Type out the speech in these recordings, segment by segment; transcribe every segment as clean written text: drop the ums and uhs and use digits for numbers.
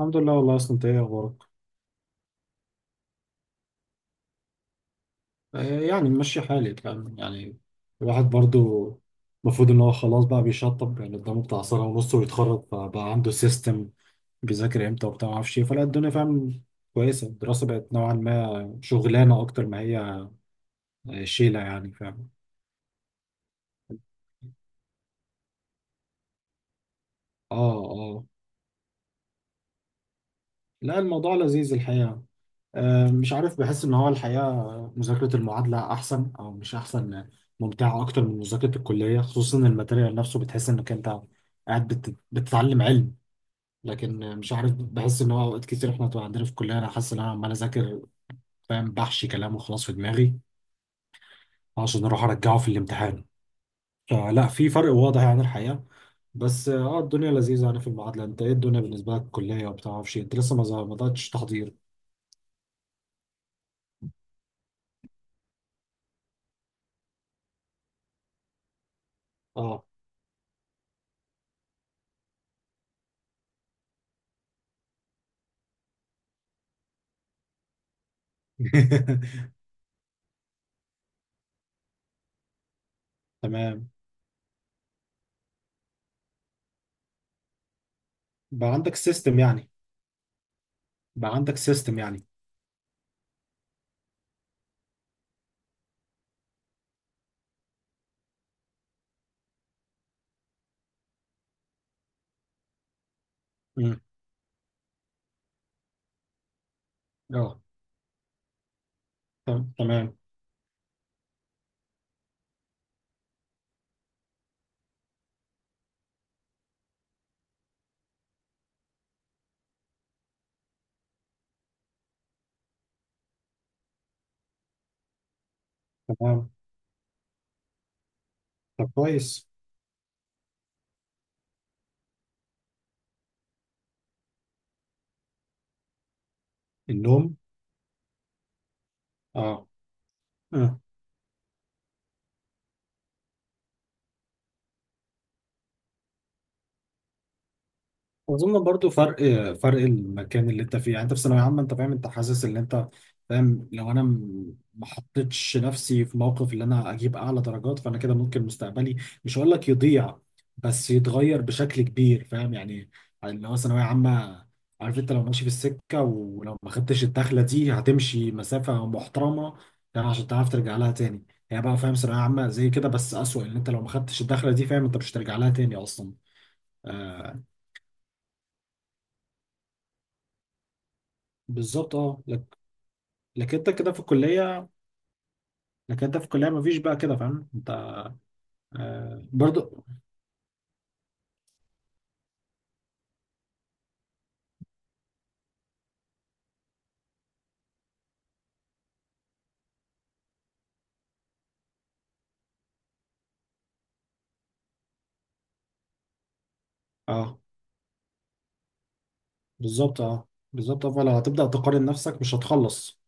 الحمد لله. والله اصلا انت ايه اخبارك؟ يعني ماشي حالي، فاهم يعني. الواحد برضو المفروض ان هو خلاص بقى بيشطب، يعني قدامه بتاع سنة ونص ويتخرج، فبقى عنده سيستم بيذاكر امتى وبتاع، ما اعرفش ايه. فلا، الدنيا فاهم، كويسه. الدراسه بقت نوعا ما شغلانه اكتر ما هي. شيله يعني، فاهم. اه. لا، الموضوع لذيذ الحقيقه. مش عارف، بحس ان هو الحقيقه مذاكره المعادله احسن او مش احسن ممتعه اكتر من مذاكره الكليه، خصوصا إن الماتيريال نفسه بتحس انك انت قاعد بتتعلم علم. لكن مش عارف، بحس ان هو اوقات كتير احنا بتبقى عندنا في الكليه، انا حاسس ان انا عمال اذاكر، فاهم، بحشي كلام وخلاص في دماغي عشان اروح ارجعه في الامتحان. فلا في فرق واضح يعني الحقيقه. بس اه الدنيا لذيذه يعني في المعادله. انت ايه الدنيا بالنسبه لك الكليه؟ وبتعرفش انت لسه ما بداتش تحضير؟ اه. تمام. بقى عندك سيستم يعني؟ بقى عندك سيستم يعني؟ امم اه. تمام. تمام. طب كويس. النوم. اه. آه. اظن برضو فرق. فرق المكان اللي انت فيه، يعني انت في ثانويه عامه، انت فاهم، انت حاسس ان انت فاهم، لو انا ما حطيتش نفسي في موقف ان انا اجيب اعلى درجات، فانا كده ممكن مستقبلي، مش هقول لك يضيع، بس يتغير بشكل كبير، فاهم يعني. اللي هو ثانويه عامه، عارف، انت لو ماشي في السكه، ولو ما خدتش الدخله دي، هتمشي مسافه محترمه يعني عشان تعرف ترجع لها تاني. يعني بقى فاهم، ثانويه عامه زي كده بس اسوأ، ان انت لو ما خدتش الدخله دي فاهم انت مش هترجع لها تاني اصلا. آه. بالظبط اه. لكن انت كده في الكلية، لكن انت في الكلية مفيش بقى كده، فاهم انت. آه برضو. اه، بالظبط اه، بالظبط اه. فلو هتبدأ تقارن نفسك مش هتخلص.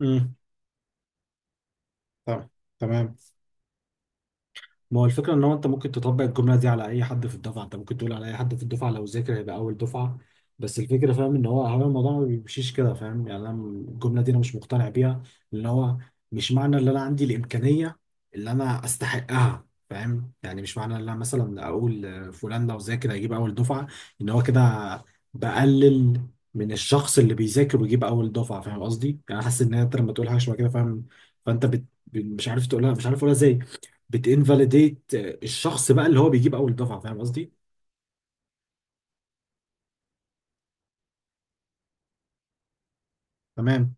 امم تمام تمام. ما هو الفكرة ان هو انت ممكن تطبق الجملة دي على اي حد في الدفعة، انت ممكن تقول على اي حد في الدفعة لو ذاكر هيبقى اول دفعة. بس الفكرة فاهم، ان هو هو الموضوع ما بيمشيش كده، فاهم يعني. انا الجملة دي انا مش مقتنع بيها، ان هو مش معنى ان انا عندي الامكانية اللي انا استحقها، فاهم يعني. مش معنى ان انا مثلا اقول فلان لو ذاكر هيجيب اول دفعة، ان هو كده بقلل من الشخص اللي بيذاكر ويجيب اول دفعة، فاهم قصدي؟ يعني أنا حاسس ان انت لما تقول حاجة شبه كده، فاهم، فانت بت... مش عارف تقولها، مش عارف اقولها ازاي. بتinvalidate الشخص بقى اللي هو بيجيب اول دفعه، فاهم قصدي؟ تمام.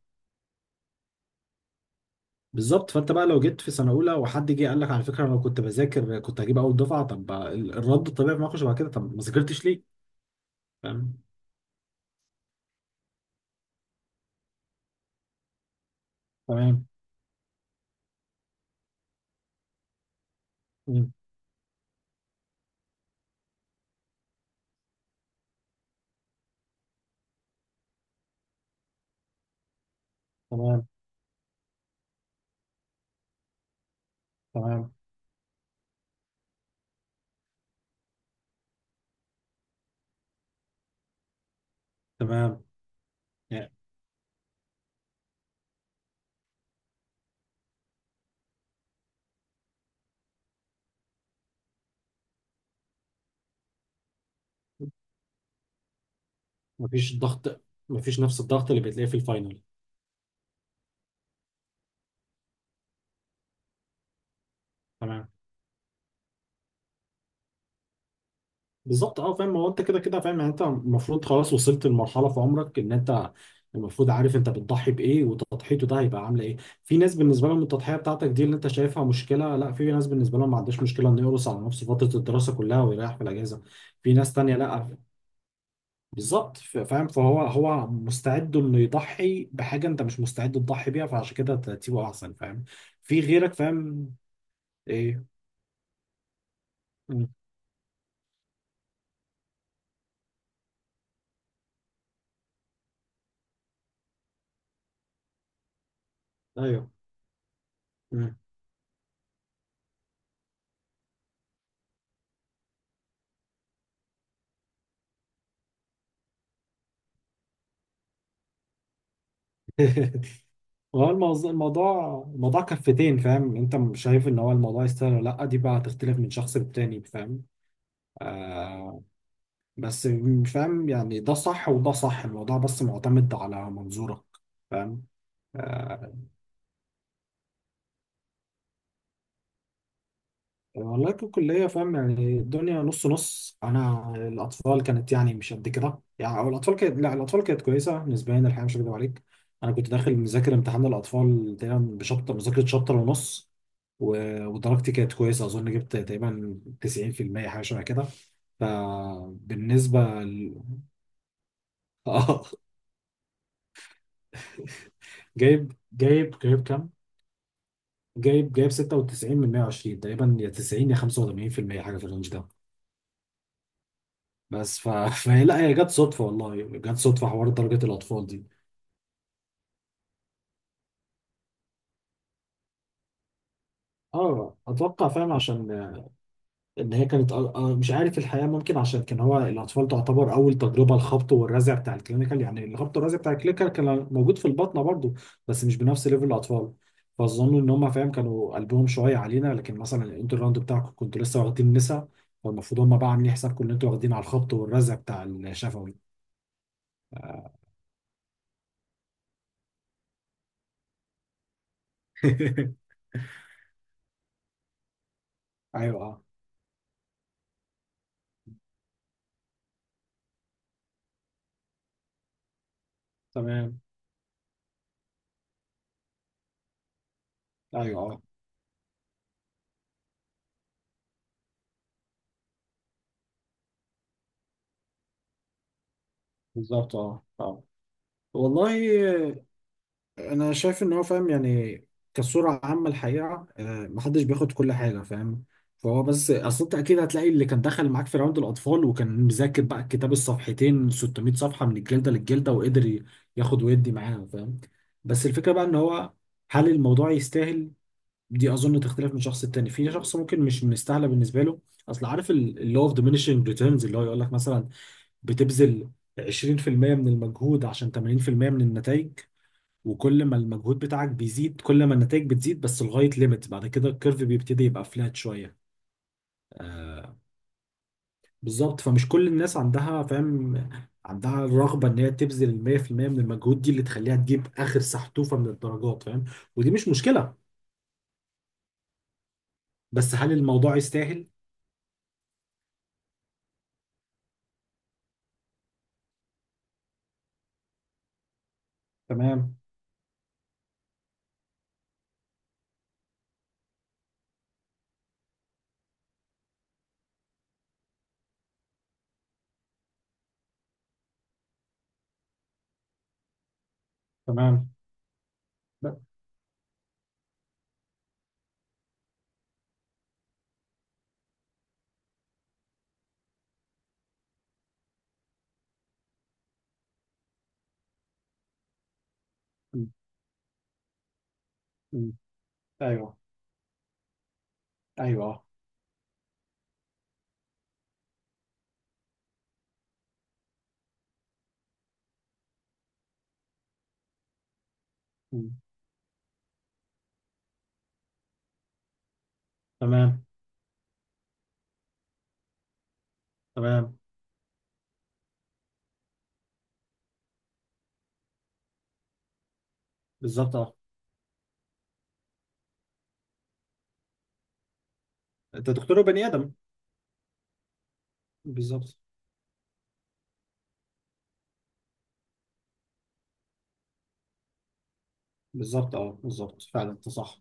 بالظبط. فانت بقى لو جيت في سنه اولى وحد جه قال لك على فكره انا لو كنت بذاكر كنت هجيب اول دفعه، طب الرد الطبيعي في موقف شبه كده، طب ما ذاكرتش ليه؟ فاهم؟ تمام. مم. تمام. تمام. تمام يعني. مفيش ضغط، مفيش نفس الضغط اللي بتلاقيه في الفاينل. تمام. بالظبط اه، فاهم. هو انت كده كده فاهم يعني، انت المفروض خلاص وصلت لمرحله في عمرك ان انت المفروض عارف انت بتضحي بايه، وتضحيته ده هيبقى عامله ايه. في ناس بالنسبه لهم التضحيه بتاعتك دي اللي انت شايفها مشكله، لا. في ناس بالنسبه لهم ما عندهاش مشكله انه يقرص على نفسه فتره الدراسه كلها ويريح في الاجازه. في ناس تانية لا. بالظبط، فاهم. فهو هو مستعد انه يضحي بحاجه انت مش مستعد تضحي بيها، فعشان كده ترتيبه احسن، فاهم، في غيرك فاهم. ايه. مم. ايوه. مم. هو الموضوع، الموضوع كفتين، فاهم. انت مش شايف ان هو الموضوع يستاهل ولا لا، دي بقى هتختلف من شخص للتاني، فاهم. آه. بس مش فاهم يعني، ده صح وده صح، الموضوع بس معتمد على منظورك، فاهم. آه، والله ككلية فاهم يعني الدنيا نص نص. أنا الأطفال كانت يعني مش قد كده يعني، أو الأطفال كانت، لا، الأطفال كانت كويسة نسبيا الحقيقة، مش هكدب عليك. أنا كنت داخل مذاكر امتحان الأطفال تقريبا بشابتر، مذاكرة شابتر ونص. ودرجتي كانت كويسة، أظن جبت تقريبا 90% حاجة شبه كده. فبالنسبة ل... آه. جايب كام؟ جايب 96 من 120 تقريبا، يا 90 يا 85% حاجة في الرينج ده. بس ف... فهي، لا هي جت صدفه والله، جت صدفه حوار درجه الاطفال دي. اه، اتوقع فاهم، عشان ان هي كانت مش عارف الحقيقه، ممكن عشان كان هو الاطفال تعتبر اول تجربه الخبط والرزع بتاع الكلينيكال، يعني الخبط والرزع بتاع الكلينيكال كان موجود في البطنه برضو بس مش بنفس ليفل الاطفال. فظنوا ان هم فاهم، كانوا قلبهم شويه علينا. لكن مثلا الانتر راوند بتاعكم كنتوا لسه واخدين نسا، فالمفروض هم بقى عاملين حسابكم ان انتوا واخدين على الخبط والرزع بتاع الشفوي. آه. ايوه اه. تمام. ايوه. آه. بالظبط اه اه. والله انا شايف ان هو فاهم يعني، كصورة عامة الحقيقة محدش بياخد كل حاجة، فاهم. فهو بس اصل انت اكيد هتلاقي اللي كان دخل معاك في راوند الاطفال وكان مذاكر بقى الكتاب الصفحتين 600 صفحة من الجلدة للجلدة، وقدر ياخد ويدي معاها، فاهم. بس الفكرة بقى ان هو، هل الموضوع يستاهل؟ دي اظن تختلف من شخص التاني. في شخص ممكن مش مستاهله بالنسبه له. اصل عارف اللي هو اوف diminishing ريتيرنز، اللي هو يقول لك مثلا بتبذل 20% من المجهود عشان 80% من النتائج، وكل ما المجهود بتاعك بيزيد كل ما النتائج بتزيد، بس لغايه ليميت بعد كده الكيرف بيبتدي يبقى فلات شويه. آه، بالظبط. فمش كل الناس عندها فاهم، عندها الرغبه ان هي تبذل ال 100% من المجهود دي اللي تخليها تجيب اخر سحتوفه من الدرجات، فاهم. ودي مش مشكله، بس هل الموضوع يستاهل؟ تمام. تمام. مم. مم. ايوه. ايوه اه. مم. تمام تمام. بالظبط اه. انت دكتور وبني ادم. بالظبط. بالظبط اه، بالظبط فعلا انت صح.